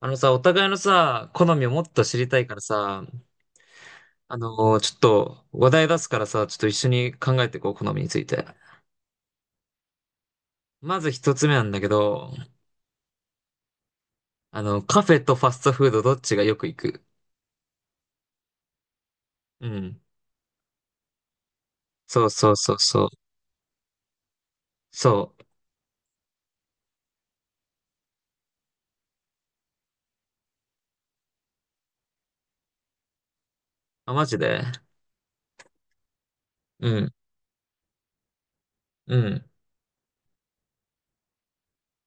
あのさ、お互いのさ、好みをもっと知りたいからさ、ちょっと話題出すからさ、ちょっと一緒に考えていこう、好みについて。まず一つ目なんだけど、あの、カフェとファストフードどっちがよく行く？うん。そうそうそうそう。そう。あ、マジで？うん。うん。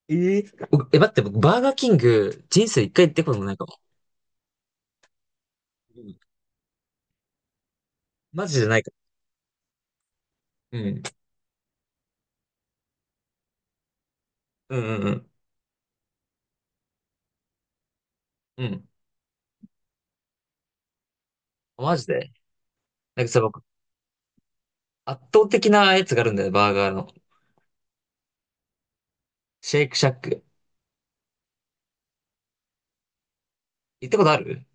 えー、おえ、待って、僕バーガーキング、人生一回行ってこともないかも。うん。マジじゃないかも。うん。うんうんうん。うん。あマジで。なんかさ、僕、圧倒的なやつがあるんだよね、バーガーの。シェイクシャック。行ったことある？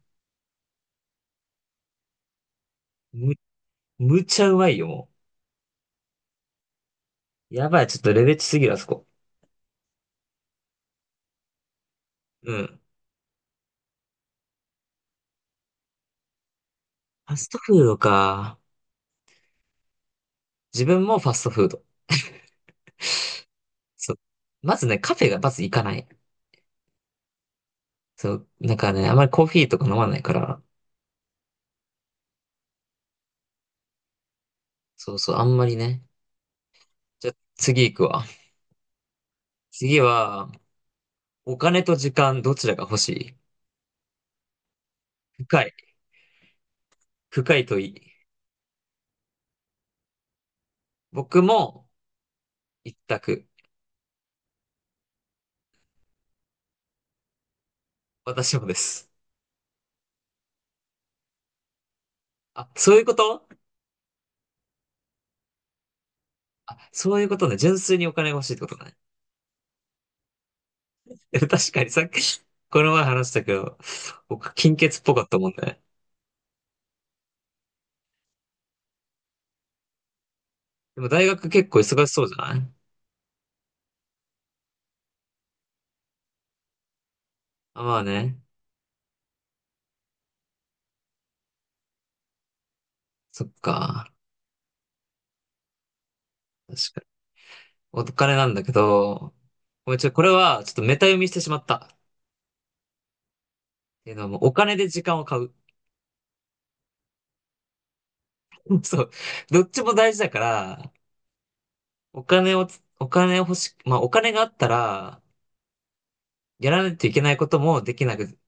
む、むちゃうまいよ、もう。やばい、ちょっとレベチすぎる、あそこ。うん。ファストフードか。自分もファストフード。そう。まずね、カフェがまず行かない。そう。なんかね、あんまりコーヒーとか飲まないから。そうそう、あんまりね。じゃあ、次行くわ。次は、お金と時間、どちらが欲しい？深い。深い問い。僕も、一択。私もです。あ、そういうこと？あ、そういうことね。純粋にお金が欲しいってことね。え確かにさっき、この前話したけど、僕、金欠っぽかったもんね。でも大学結構忙しそうじゃない？あ、まあね。そっか。確かに。お金なんだけど、ごめん、ちょ、これはちょっとメタ読みしてしまった。っていうのはもうお金で時間を買う。そう。どっちも大事だから、お金をつ、お金を欲し、まあお金があったら、やらないといけないこともできなく、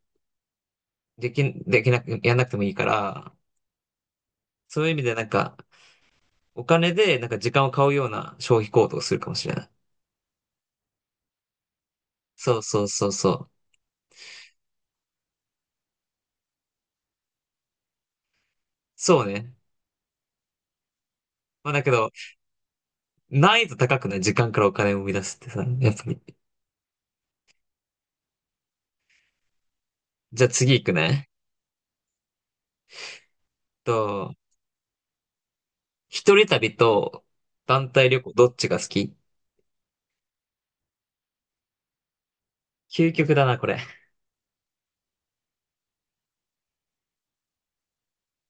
でき、できなく、やらなくてもいいから、そういう意味でなんか、お金でなんか時間を買うような消費行動をするかもしれない。そうそうそうそう。そうね。まあだけど、難易度高くない？時間からお金を生み出すってさ、やっぱり。じゃあ次行くね。と、一人旅と団体旅行どっちが好き？究極だな、これ。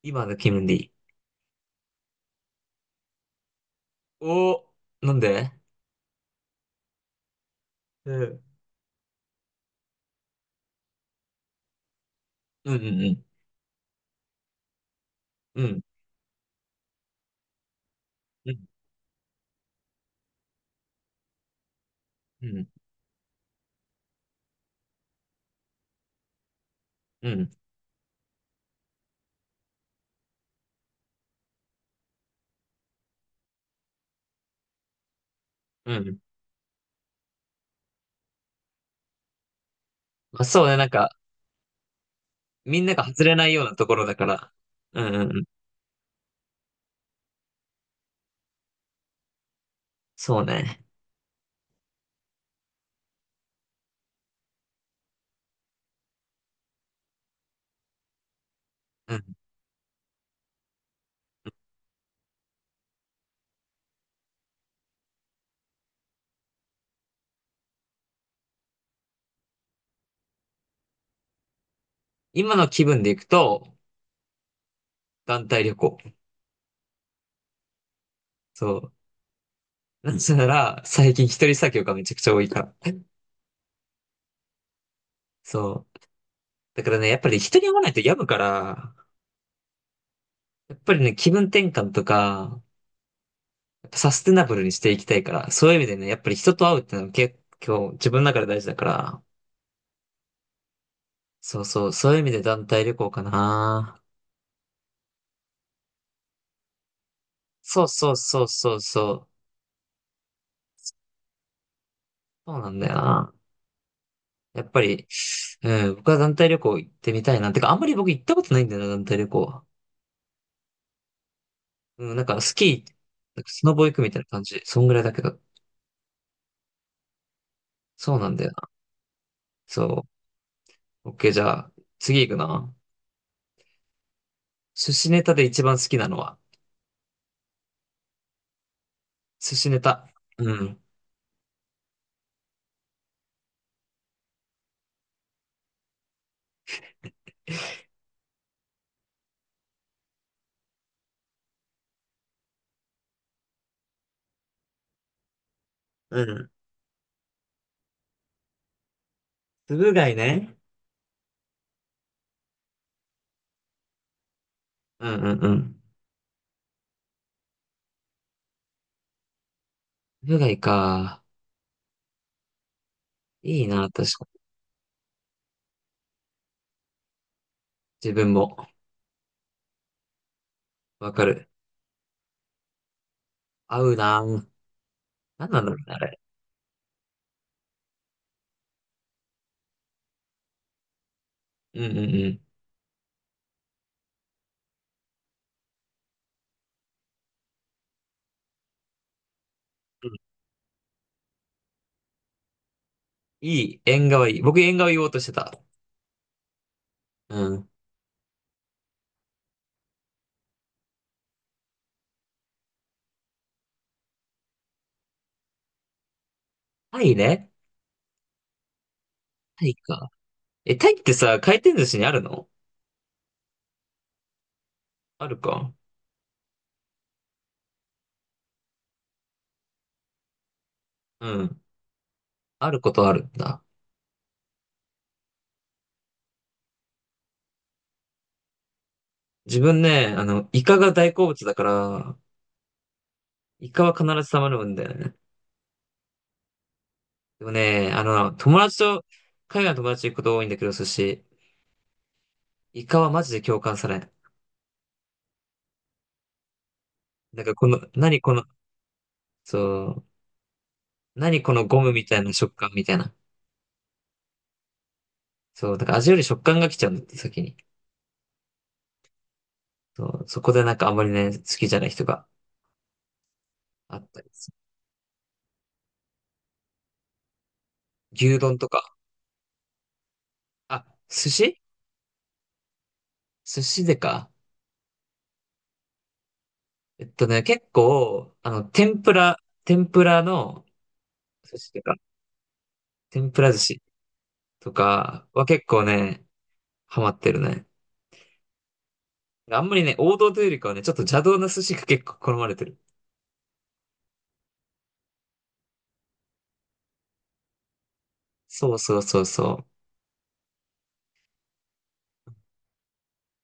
今の気分でいい。お、なんで？うん。うんうんうん。うん。うん。うん。うん。まあそうね、なんか、みんなが外れないようなところだから。うんうんうん。そうね。うん。今の気分で行くと、団体旅行。そう。なせなら、最近一人作業がめちゃくちゃ多いから。そう。だからね、やっぱり人に会わないと病むから、やっぱりね、気分転換とか、やっぱサステナブルにしていきたいから、そういう意味でね、やっぱり人と会うってのは結構自分の中で大事だから、そうそう、そういう意味で団体旅行かな。そうそうそうそうそう。そうなんだよな。やっぱり、うん、僕は団体旅行行ってみたいな。てか、あんまり僕行ったことないんだよな、団体旅行。うん、なんかスキー、なんかスノボ行くみたいな感じ。そんぐらいだけど。そうなんだよな。そう。オッケー、じゃあ、次行くな。寿司ネタで一番好きなのは。寿司ネタ。うん。うん。つぶ貝ね。うんうんうん。つぶ貝か。いいな、確かに。自分も。わかる。合うな。なんなんだろうね、あれ。うんうんうん。うん。いい。縁側いい。僕縁側言おうとしてた。うん。タイね。タイか。え、タイってさ、回転寿司にあるの？あるか。うん。あることあるんだ。自分ね、あの、イカが大好物だから、イカは必ず頼むんだよね。でもね、あの、友達と、海外の友達と行くこと多いんだけど、寿司、イカはマジで共感されん。なんかこの、何この、そう、何このゴムみたいな食感みたいな。そう、だから味より食感が来ちゃうんだって、先に。そう、そこでなんかあんまりね、好きじゃない人があったりする。牛丼とか。あ、寿司。寿司でか。えっとね、結構、あの、天ぷら、天ぷらの寿司でか。天ぷら寿司。とかは結構ね、ハマってるね。あんまりね、王道というよりかはね、ちょっと邪道な寿司が結構好まれてる。そうそうそうそ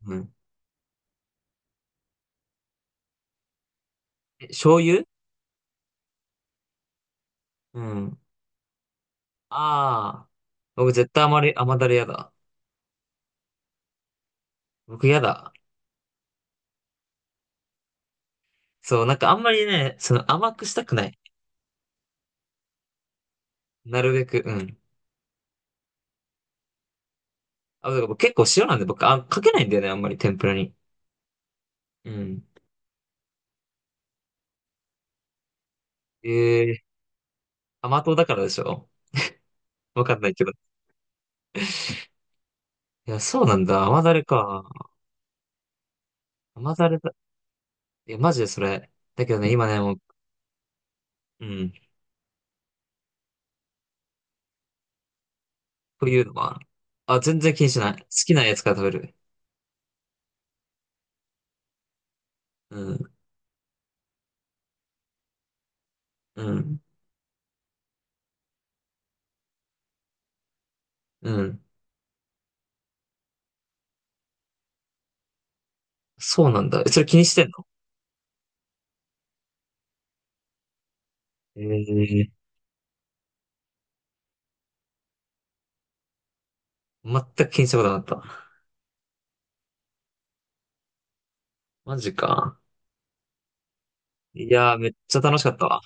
う。うん。え、醤油？うん。ああ。僕絶対甘り、甘だれやだ。僕やだ。そう、なんかあんまりね、その甘くしたくない。なるべく、うん。あ、だから僕結構塩なんで僕、あ、かけないんだよね、あんまり天ぷらに。うん。ええ。甘党だからでしょ？わかんないけど。いや、そうなんだ。甘だれか。甘だれだ。いや、マジでそれ。だけどね、今ね、もう、うん。というのは、あ、全然気にしない。好きなやつから食べる。うん、うん、うん。そうなんだ。えそれ気にしてんの？ええー。全く気にしたことなかった。マジか。いやー、めっちゃ楽しかったわ。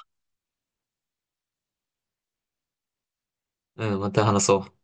うん、また話そう。